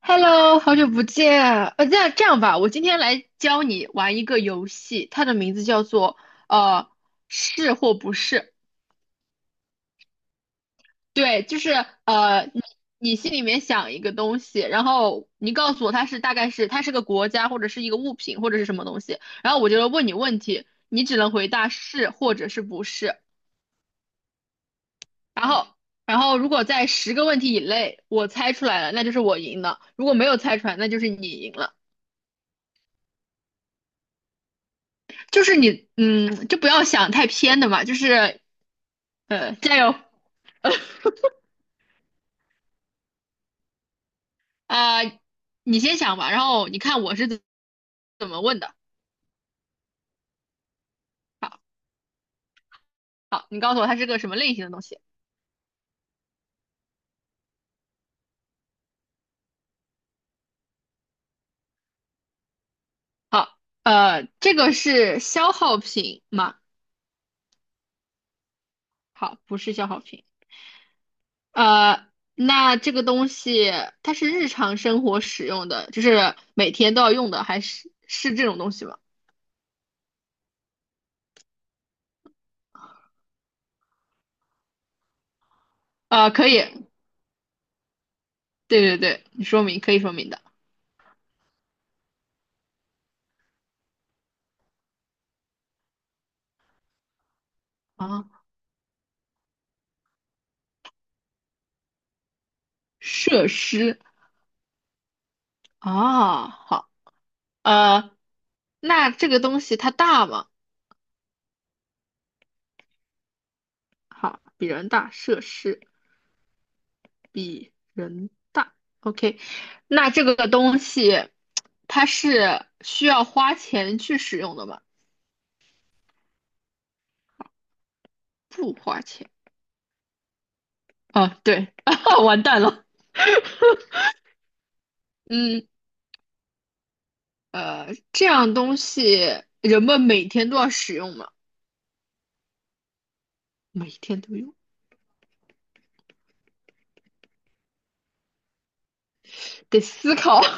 Hello，好久不见。这样吧，我今天来教你玩一个游戏，它的名字叫做呃是或不是。对，就是呃你你心里面想一个东西，然后你告诉我它是大概是它是个国家或者是一个物品或者是什么东西，然后我就问你问题，你只能回答是或者是不是。然后然后如果在10个问题以内我猜出来了，那就是我赢了；如果没有猜出来，那就是你赢了。就是你，就不要想太偏的嘛，就是加油。啊、你先想吧，然后你看我是怎么问的。好，好，你告诉我它是个什么类型的东西。好，这个是消耗品吗？好，不是消耗品。呃，那这个东西它是日常生活使用的，就是每天都要用的，还是是这种东西吗？可以，对对对，你说明可以说明的。啊，设施啊，好。呃，那这个东西它大吗？好，比人大，设施比人大。OK，那这个东西它是需要花钱去使用的吗？不花钱。哦，对。完蛋了。嗯，这样东西人们每天都要使用吗？每天都用，得思考。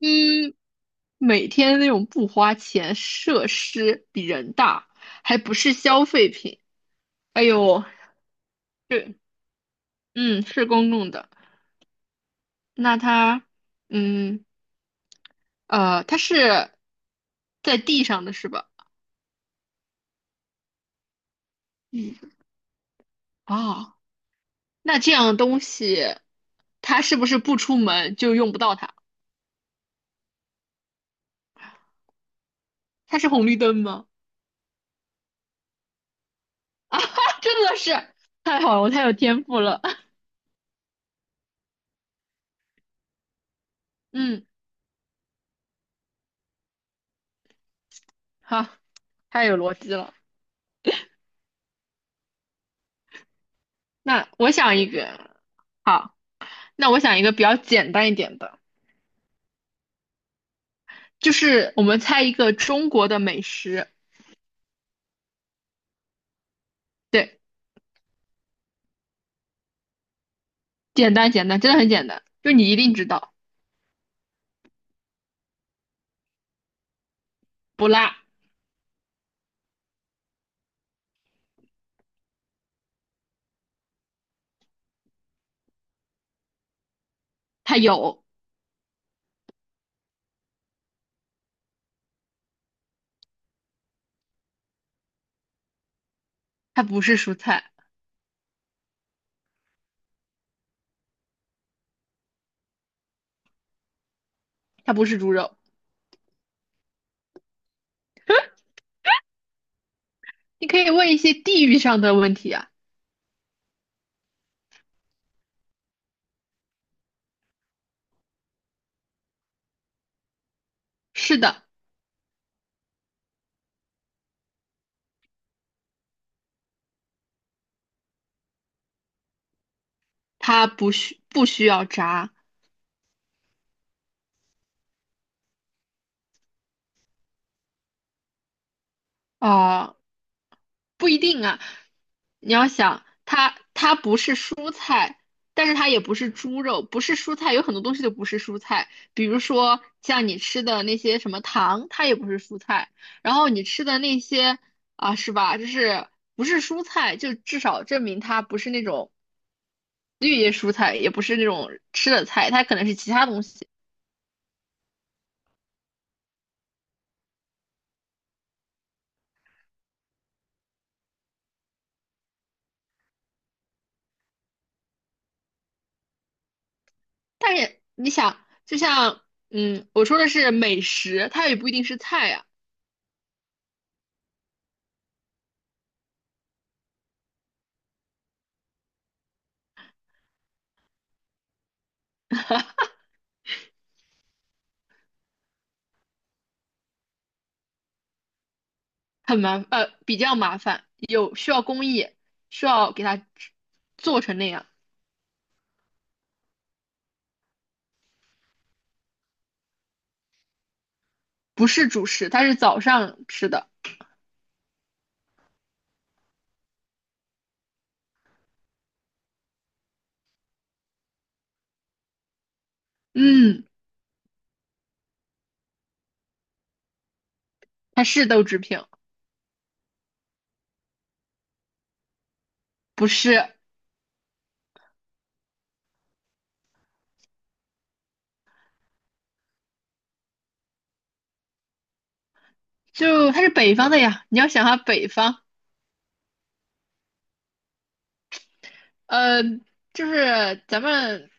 嗯，每天那种不花钱，设施比人大，还不是消费品。哎呦，对。嗯。是公共的。那它，嗯，呃，它是在地上的是吧？嗯，哦，那这样东西，它是不是不出门就用不到它？它是红绿灯吗？啊，真的是太好了，我太有天赋了。嗯，好。太有逻辑了。那我想一个，好，那我想一个比较简单一点的，就是我们猜一个中国的美食。对，简单简单，真的很简单，就你一定知道。不辣，它有，它不是蔬菜，它不是猪肉。你可以问一些地域上的问题啊。是的，它不需要炸。啊、不一定啊。你要想，它不是蔬菜，但是它也不是猪肉，不是蔬菜，有很多东西都不是蔬菜，比如说像你吃的那些什么糖，它也不是蔬菜。然后你吃的那些啊，是吧？就是不是蔬菜，就至少证明它不是那种。绿叶蔬菜，也不是那种吃的菜，它可能是其他东西。但是你想，就像我说的是美食，它也不一定是菜呀、比较麻烦，有需要工艺，需要给它做成那样，不是主食，它是早上吃的。嗯。它是豆制品。不是，就它是北方的呀。你要想下北方，呃，就是咱们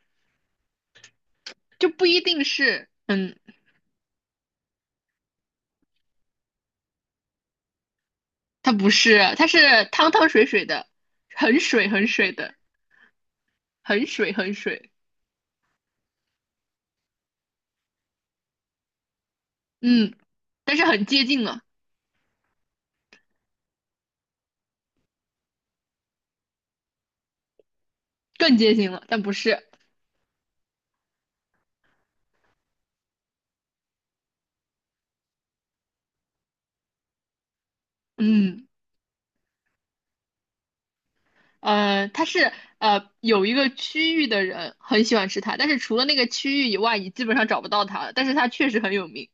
就不一定是。嗯它不是，它是汤汤水水的，很水很水的，很水很水。嗯。但是很接近了。更接近了，但不是。嗯，呃，它是有一个区域的人很喜欢吃它，但是除了那个区域以外，你基本上找不到它了。但是它确实很有名，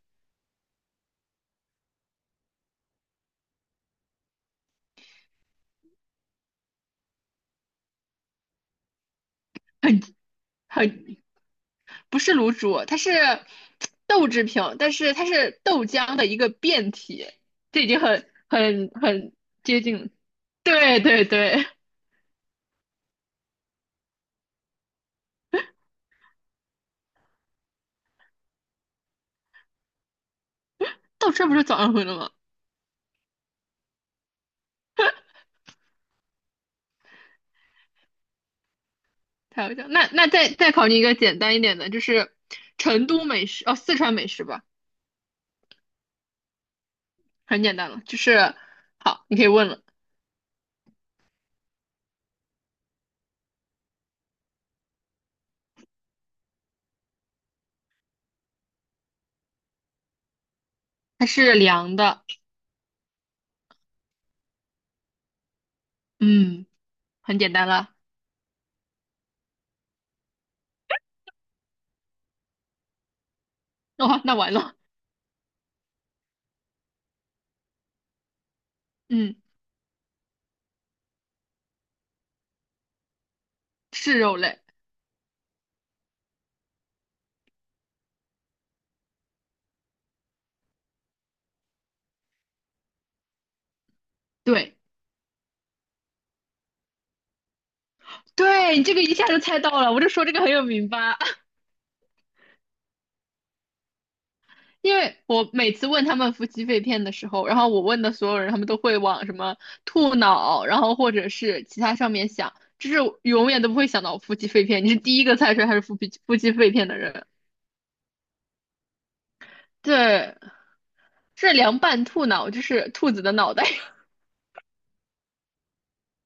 很很不是卤煮，它是豆制品，但是它是豆浆的一个变体，这已经很接近了。对对对。豆汁不是早上回了吗？太有笑！那再考你一个简单一点的，就是成都美食，哦，四川美食吧，很简单了。就是好，你可以问了。它是凉的，嗯，很简单了。哦，那完了。嗯。是肉类。对，对，你这个一下就猜到了，我就说这个很有名吧。因为我每次问他们夫妻肺片的时候，然后我问的所有人，他们都会往什么兔脑，然后或者是其他上面想，就是永远都不会想到夫妻肺片。你是第一个猜出来它是夫妻肺片的人。对，是凉拌兔脑，就是兔子的脑袋。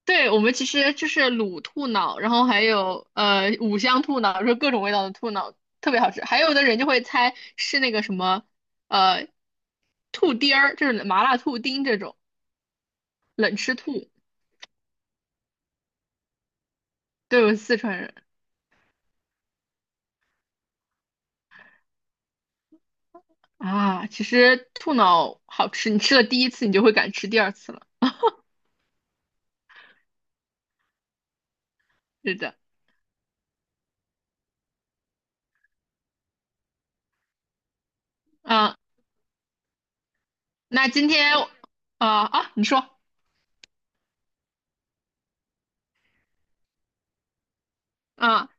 对，我们其实就是卤兔脑，然后还有五香兔脑，就是各种味道的兔脑，特别好吃。还有的人就会猜是那个什么呃兔丁儿，就是麻辣兔丁这种冷吃兔。对，我是四川人啊，其实兔脑好吃，你吃了第一次，你就会敢吃第二次了。是的。啊，那今天。你说啊。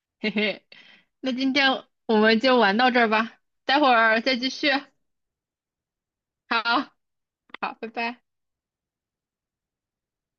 嘿嘿，那今天我们就玩到这儿吧，待会儿再继续。好，好，拜拜。